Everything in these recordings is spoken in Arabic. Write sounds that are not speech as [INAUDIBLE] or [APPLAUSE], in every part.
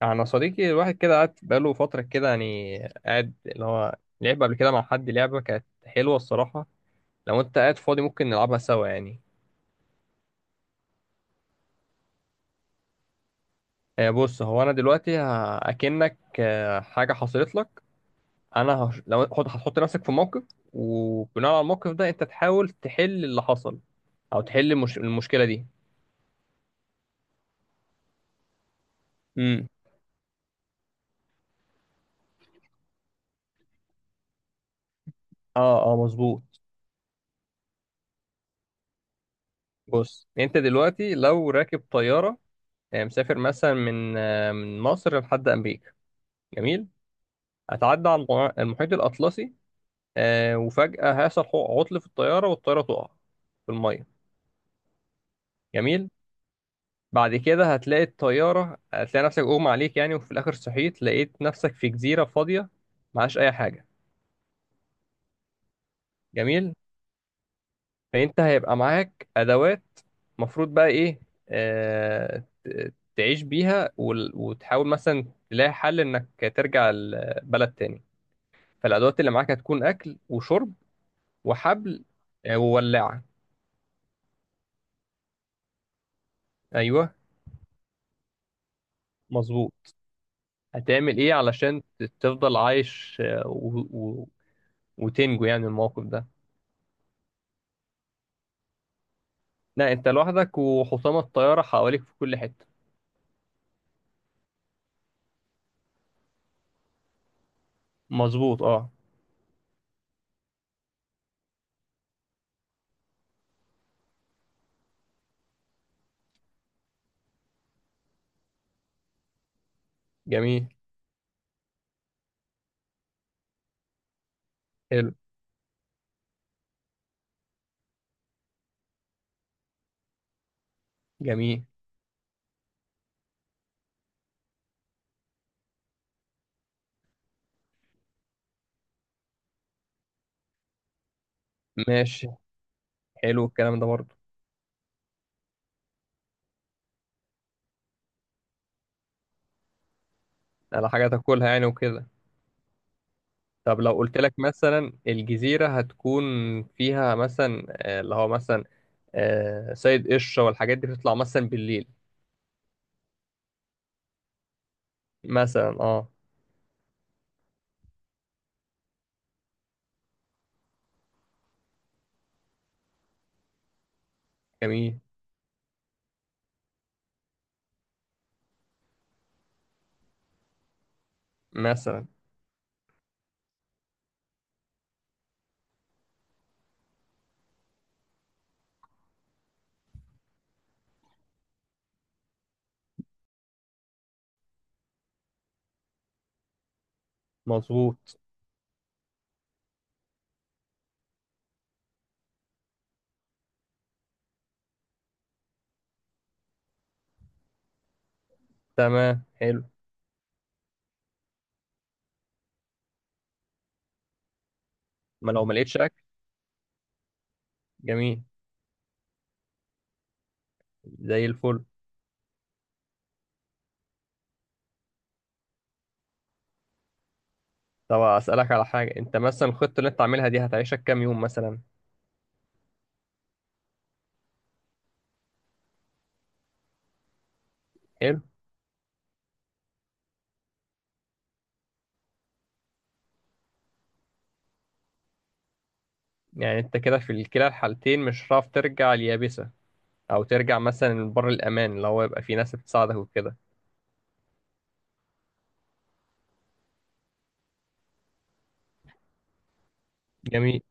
يعني انا صديقي الواحد كده قعد بقاله فتره كده يعني قاعد اللي هو لعب قبل كده مع حد لعبه كانت حلوه الصراحه. لو انت قاعد فاضي ممكن نلعبها سوا يعني. بص، هو انا دلوقتي اكنك حاجه حصلت لك. انا لو هتحط نفسك في موقف، وبناء على الموقف ده انت تحاول تحل اللي حصل، او تحل المشكله دي. امم. اه اه مظبوط. بص انت دلوقتي لو راكب طياره، مسافر مثلا من مصر لحد امريكا. جميل. هتعدي على المحيط الأطلسي، وفجأة هيحصل عطل في الطيارة والطيارة تقع في المية. جميل. بعد كده هتلاقي الطيارة، هتلاقي نفسك أغمى عليك يعني، وفي الآخر صحيت لقيت نفسك في جزيرة فاضية. معهاش أي حاجة. جميل. فأنت هيبقى معاك أدوات، مفروض بقى إيه؟ تعيش بيها، وتحاول مثلا تلاقي حل إنك ترجع البلد تاني. فالأدوات اللي معاك هتكون أكل وشرب وحبل، وولاعة. أيوه مظبوط. هتعمل ايه علشان تفضل عايش، وتنجو يعني من الموقف ده؟ لا، انت لوحدك وحطام الطيارة حواليك في كل حتة. مظبوط اه. جميل. حلو. جميل. ماشي. حلو الكلام ده برضه. على حاجة تاكلها يعني وكده. طب لو قلت لك مثلا الجزيرة هتكون فيها مثلا، اللي هو مثلا، سيد قشرة والحاجات دي بتطلع مثلا بالليل. مثلا اه. جميل. مثلا. مظبوط. تمام حلو. ما لو ما لقيتش اكل. جميل. زي الفل. طب اسالك على حاجه، انت مثلا الخطه اللي انت عاملها دي هتعيشك كام يوم مثلا؟ حلو. يعني انت كده في كلا الحالتين مش هتعرف ترجع اليابسه، او ترجع مثلا بر الامان، اللي هو يبقى في ناس بتساعدك وكده. جميل.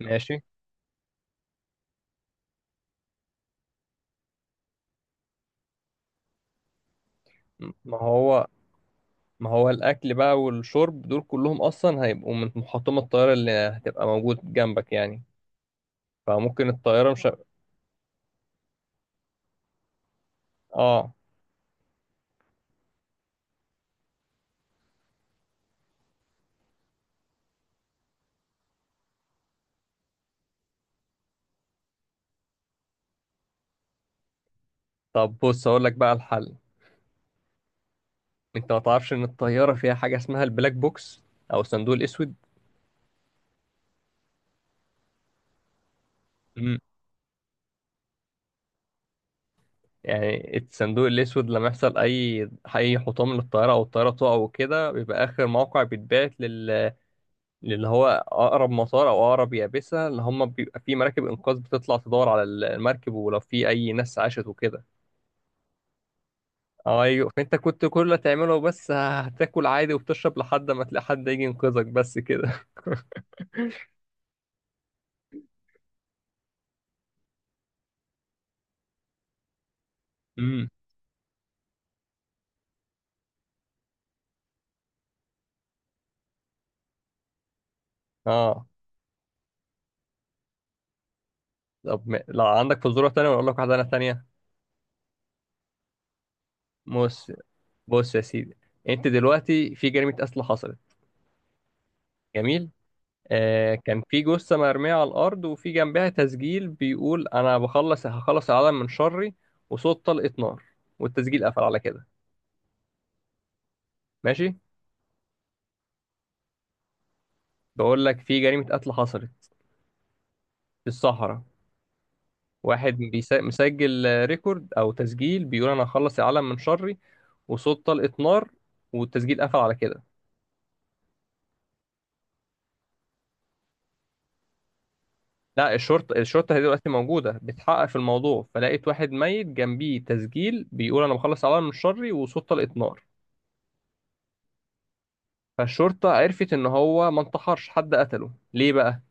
ماشي. ما هو ما هو الاكل بقى والشرب دول كلهم اصلا هيبقوا من محطمه الطياره اللي هتبقى موجود جنبك يعني. فممكن الطياره مش اه. طب بص اقول لك بقى الحل. انت ما تعرفش ان الطياره فيها حاجه اسمها البلاك بوكس، او الصندوق الاسود؟ يعني الصندوق الأسود لما يحصل أي حطام للطيارة أو الطيارة تقع وكده، بيبقى آخر موقع بيتبعت للي هو أقرب مطار أو أقرب يابسة، اللي هم بيبقى في مراكب إنقاذ بتطلع تدور على المركب ولو في أي ناس عاشت وكده. أيوة. فأنت كنت كل اللي تعمله بس هتاكل عادي وبتشرب لحد ما تلاقي حد يجي ينقذك بس كده. [LAUGHS] امم اه. طب لو عندك فزوره تانية ولا اقول لك واحده انا تانية؟ بص بص يا سيدي، انت دلوقتي في جريمه قتل حصلت. جميل. كان في جثة مرمية على الأرض، وفي جنبها تسجيل بيقول: أنا هخلص العالم من شري، وصوت طلقة نار، والتسجيل قفل على كده. ماشي. بقول لك في جريمة قتل حصلت في الصحراء. واحد مسجل ريكورد أو تسجيل بيقول: أنا هخلص العالم من شري، وصوت طلقة نار، والتسجيل قفل على كده. لا، الشرطة هي دلوقتي موجودة بتحقق في الموضوع، فلقيت واحد ميت جنبيه تسجيل بيقول أنا بخلص العالم من شري وصوت طلقة نار. فالشرطة عرفت إن هو ما انتحرش، حد قتله. ليه بقى؟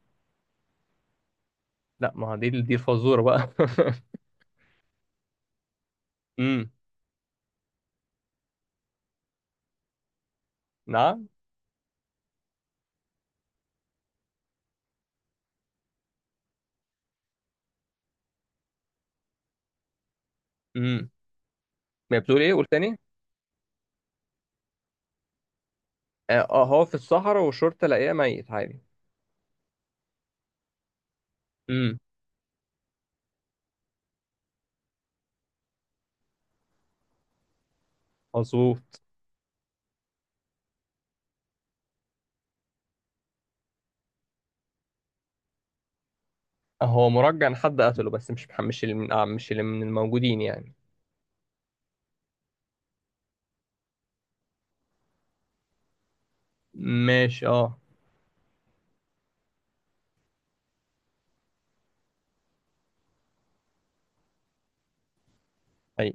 لا، ما هو دي الفزورة بقى. [LAUGHS] امم. نعم. امم. ما بتقول إيه؟ قول تاني؟ هو في الصحراء والشرطة لاقيه ميت عادي. امم. مظبوط. هو مرجع إن حد قتله، بس مش اللي من مش اللي من الموجودين يعني. ماشي اه. أي.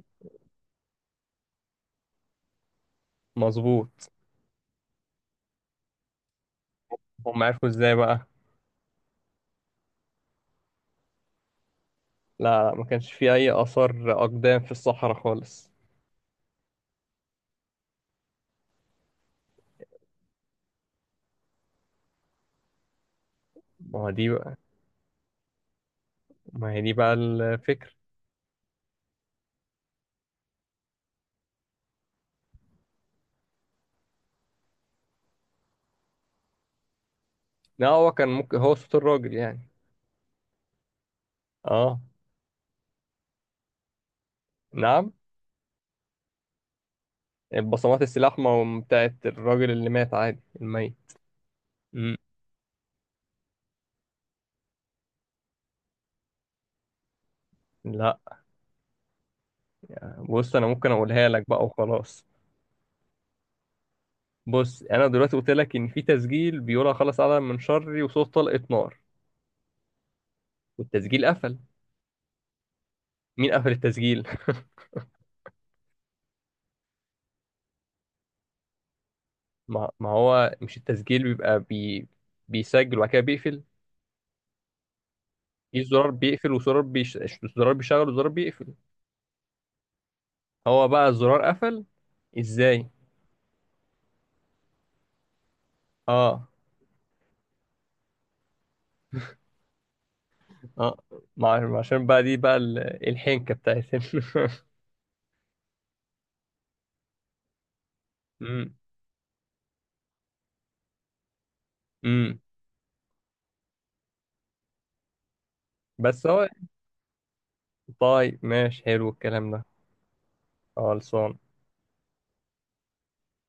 مظبوط. هم عرفوا إزاي بقى؟ لا لا، ما كانش في أي آثار أقدام في الصحراء خالص. ما هو دي بقى. ما هي دي بقى الفكرة. لا، هو كان ممكن هو صوت الراجل يعني. اه. نعم. البصمات السلاح ما هم بتاعت الراجل اللي مات عادي الميت. مم. لا، بص انا ممكن اقولها لك بقى وخلاص. بص، انا دلوقتي قلت لك ان في تسجيل بيقول خلاص على من شري، وصوت طلقة نار، والتسجيل قفل. مين قفل التسجيل؟ [LAUGHS] ما هو مش التسجيل بيبقى بيسجل وبعد كده بيقفل. في زرار بيقفل وزرار زرار بيشغل وزرار بيقفل. هو بقى الزرار قفل ازاي؟ اه اه عشان بقى دي بقى الحنكة بتاعت [LAUGHS] مم. امم. بس هو طيب ماشي. حلو الكلام ده. خلصان.